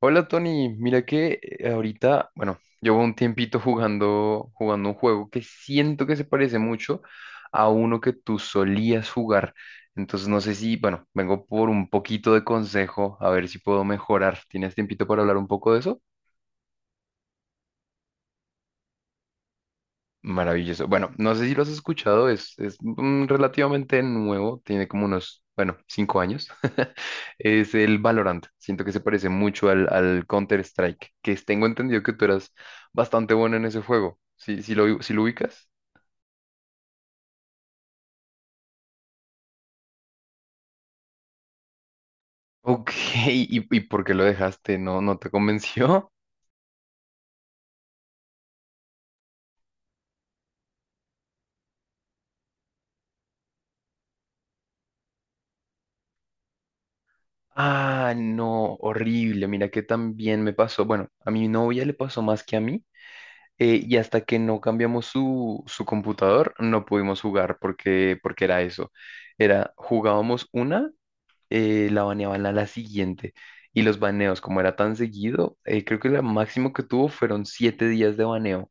Hola Tony, mira que ahorita, bueno, llevo un tiempito jugando un juego que siento que se parece mucho a uno que tú solías jugar. Entonces no sé si, bueno, vengo por un poquito de consejo, a ver si puedo mejorar. ¿Tienes tiempito para hablar un poco de eso? Maravilloso. Bueno, no sé si lo has escuchado, es relativamente nuevo, tiene como unos, bueno, 5 años. Es el Valorant. Siento que se parece mucho al Counter-Strike, que tengo entendido que tú eras bastante bueno en ese juego. ¿Sí, sí lo ubicas? Ok, y por qué lo dejaste? ¿No, no te convenció? Ah, no, horrible. Mira que también me pasó. Bueno, a mi novia le pasó más que a mí. Y hasta que no cambiamos su computador, no pudimos jugar porque era eso. Era, jugábamos una, la baneaban a la siguiente. Y los baneos, como era tan seguido, creo que lo máximo que tuvo fueron 7 días de baneo.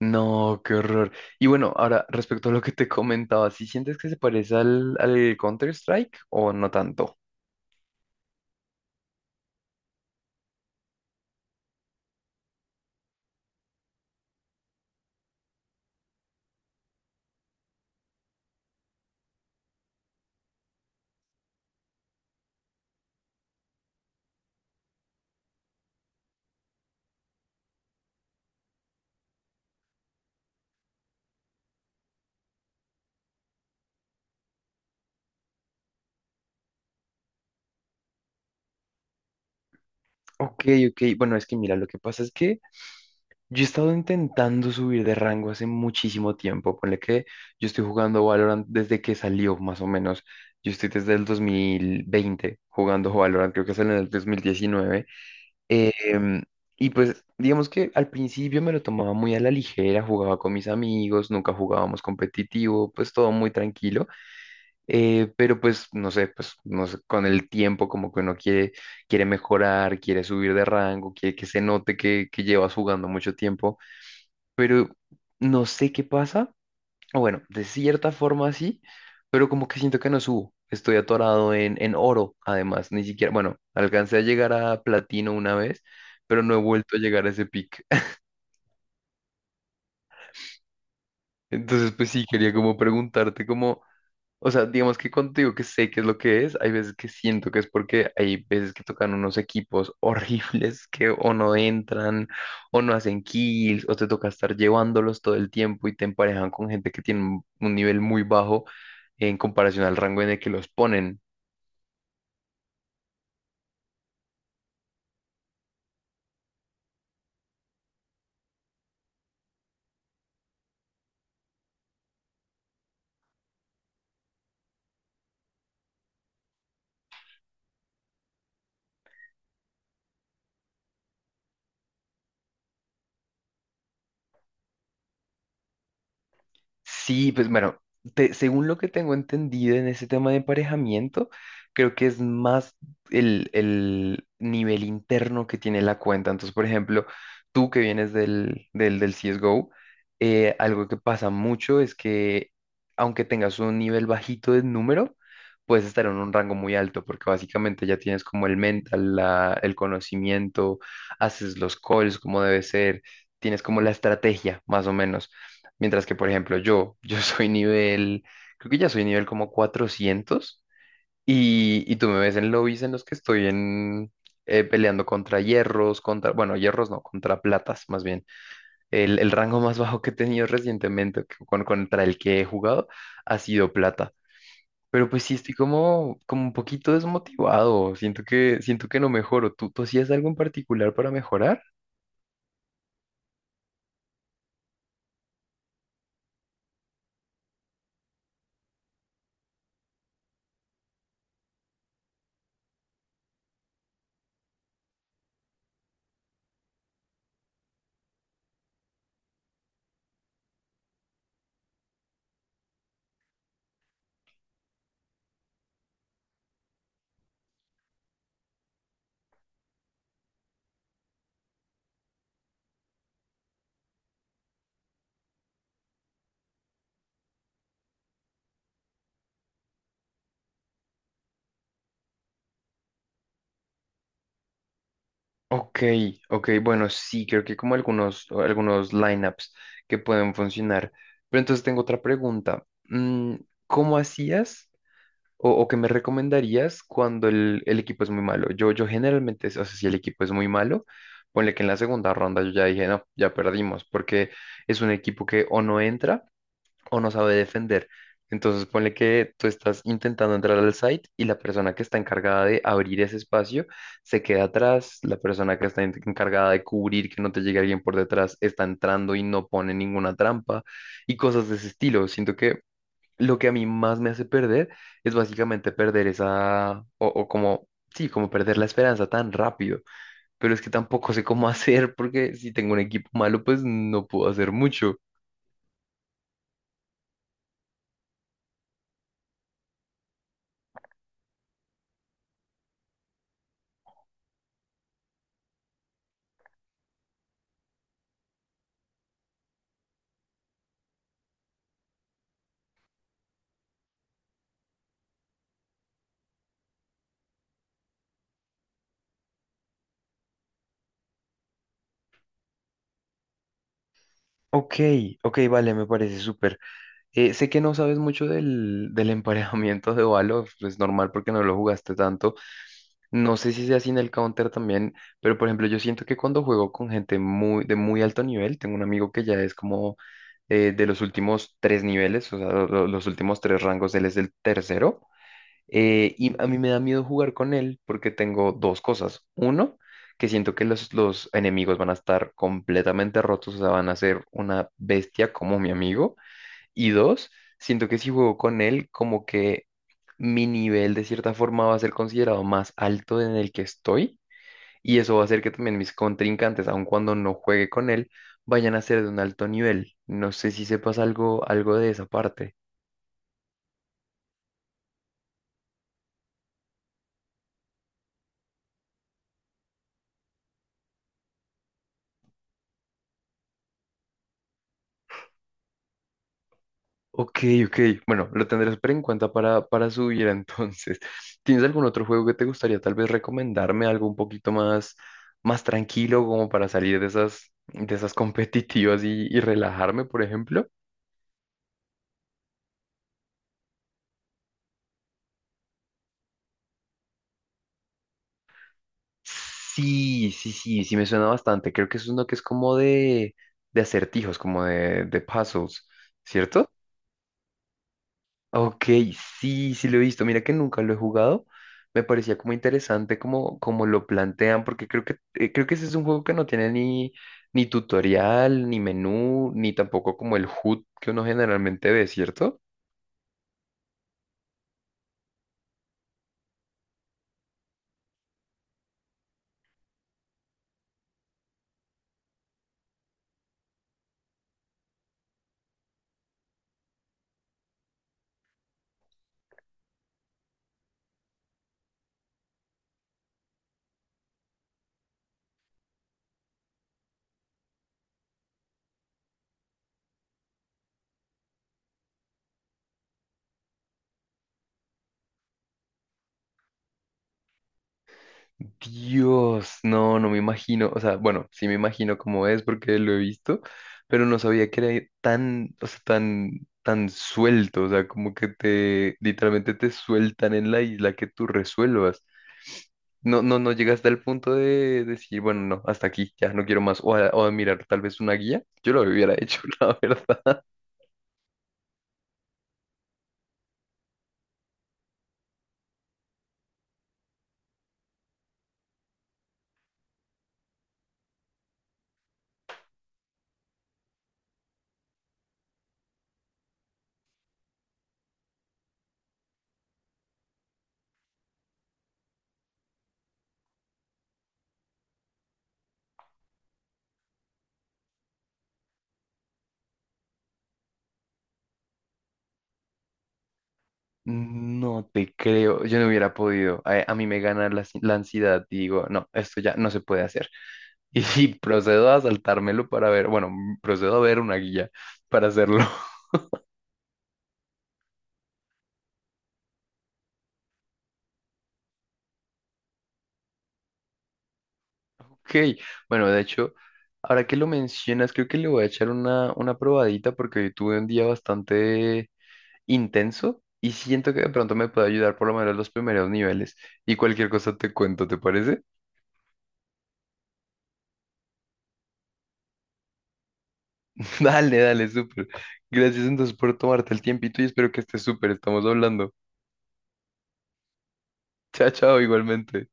No, qué horror. Y bueno, ahora respecto a lo que te comentaba, ¿sí sientes que se parece al Counter-Strike o no tanto? Ok, ok. Bueno, es que mira, lo que pasa es que yo he estado intentando subir de rango hace muchísimo tiempo. Ponle que yo estoy jugando Valorant desde que salió, más o menos. Yo estoy desde el 2020 jugando Valorant, creo que salió en el 2019. Em, y pues, digamos que al principio me lo tomaba muy a la ligera, jugaba con mis amigos, nunca jugábamos competitivo, pues todo muy tranquilo. Pero pues, no sé, con el tiempo como que uno quiere, quiere mejorar, quiere subir de rango, quiere que se note que llevas jugando mucho tiempo pero no sé qué pasa. O bueno, de cierta forma sí, pero como que siento que no subo. Estoy atorado en oro, además, ni siquiera, bueno, alcancé a llegar a platino una vez, pero no he vuelto a llegar a ese pic. Entonces, pues sí, quería como preguntarte como, o sea, digamos que cuando te digo que sé qué es lo que es, hay veces que siento que es porque hay veces que tocan unos equipos horribles que o no entran o no hacen kills o te toca estar llevándolos todo el tiempo y te emparejan con gente que tiene un nivel muy bajo en comparación al rango en el que los ponen. Sí, pues bueno, según lo que tengo entendido en ese tema de emparejamiento, creo que es más el nivel interno que tiene la cuenta. Entonces, por ejemplo, tú que vienes del CSGO, algo que pasa mucho es que aunque tengas un nivel bajito de número, puedes estar en un rango muy alto, porque básicamente ya tienes como el mental, el conocimiento, haces los calls como debe ser, tienes como la estrategia, más o menos. Mientras que, por ejemplo, yo soy nivel, creo que ya soy nivel como 400 y tú me ves en lobbies en los que estoy en, peleando contra hierros, contra, bueno, hierros no, contra platas más bien. El rango más bajo que he tenido recientemente contra el que he jugado ha sido plata. Pero pues sí estoy como, como un poquito desmotivado, siento que no mejoro. Tú hacías algo en particular para mejorar? Ok, ok, bueno, sí, creo que como algunos lineups que pueden funcionar. Pero entonces tengo otra pregunta. ¿Cómo hacías o qué me recomendarías cuando el equipo es muy malo? Yo generalmente, o sea, si el equipo es muy malo, ponle que en la segunda ronda yo ya dije, no, ya perdimos, porque es un equipo que o no entra o no sabe defender. Entonces, ponle que tú estás intentando entrar al site y la persona que está encargada de abrir ese espacio se queda atrás, la persona que está encargada de cubrir que no te llegue alguien por detrás está entrando y no pone ninguna trampa y cosas de ese estilo. Siento que lo que a mí más me hace perder es básicamente perder esa, o como, sí, como perder la esperanza tan rápido. Pero es que tampoco sé cómo hacer porque si tengo un equipo malo, pues no puedo hacer mucho. Ok, ok, vale, me parece súper. Sé que no sabes mucho del emparejamiento de Valor, es normal porque no lo jugaste tanto. No sé si sea así en el Counter también, pero por ejemplo, yo siento que cuando juego con gente muy, de muy alto nivel, tengo un amigo que ya es como de los últimos tres niveles, o sea, los últimos tres rangos, él es el tercero. Y a mí me da miedo jugar con él porque tengo dos cosas. Uno, que siento que los enemigos van a estar completamente rotos, o sea, van a ser una bestia como mi amigo. Y dos, siento que si juego con él, como que mi nivel de cierta forma va a ser considerado más alto en el que estoy. Y eso va a hacer que también mis contrincantes, aun cuando no juegue con él, vayan a ser de un alto nivel. No sé si sepas algo, algo de esa parte. Ok, ok. Bueno, lo tendré súper en cuenta para subir entonces. ¿Tienes algún otro juego que te gustaría tal vez recomendarme? Algo un poquito más, más tranquilo como para salir de esas competitivas y relajarme, por ejemplo. Sí, sí, sí, sí me suena bastante. Creo que es uno que es como de acertijos, como de puzzles, ¿cierto? Ok, sí, sí lo he visto. Mira que nunca lo he jugado. Me parecía como interesante como, como lo plantean, porque creo que, creo que ese es un juego que no tiene ni, ni tutorial, ni menú, ni tampoco como el HUD que uno generalmente ve, ¿cierto? Dios, no, no me imagino, o sea, bueno, sí me imagino cómo es porque lo he visto, pero no sabía que era tan, o sea, tan, tan suelto, o sea, como que te, literalmente te sueltan en la isla que tú resuelvas. No, no, no llegas hasta el punto de decir, bueno, no, hasta aquí, ya no quiero más, o a mirar tal vez una guía, yo lo hubiera hecho, la verdad. No te creo, yo no hubiera podido. A mí me gana la, la ansiedad y digo, no, esto ya no se puede hacer. Y, sí, procedo a saltármelo para ver, bueno, procedo a ver una guía para hacerlo. Ok, bueno, de hecho, ahora que lo mencionas, creo que le voy a echar una probadita porque hoy tuve un día bastante intenso y siento que de pronto me puede ayudar por lo menos los primeros niveles. Y cualquier cosa te cuento, ¿te parece? Dale, dale, súper. Gracias entonces por tomarte el tiempito y espero que estés súper. Estamos hablando. Chao, chao, igualmente.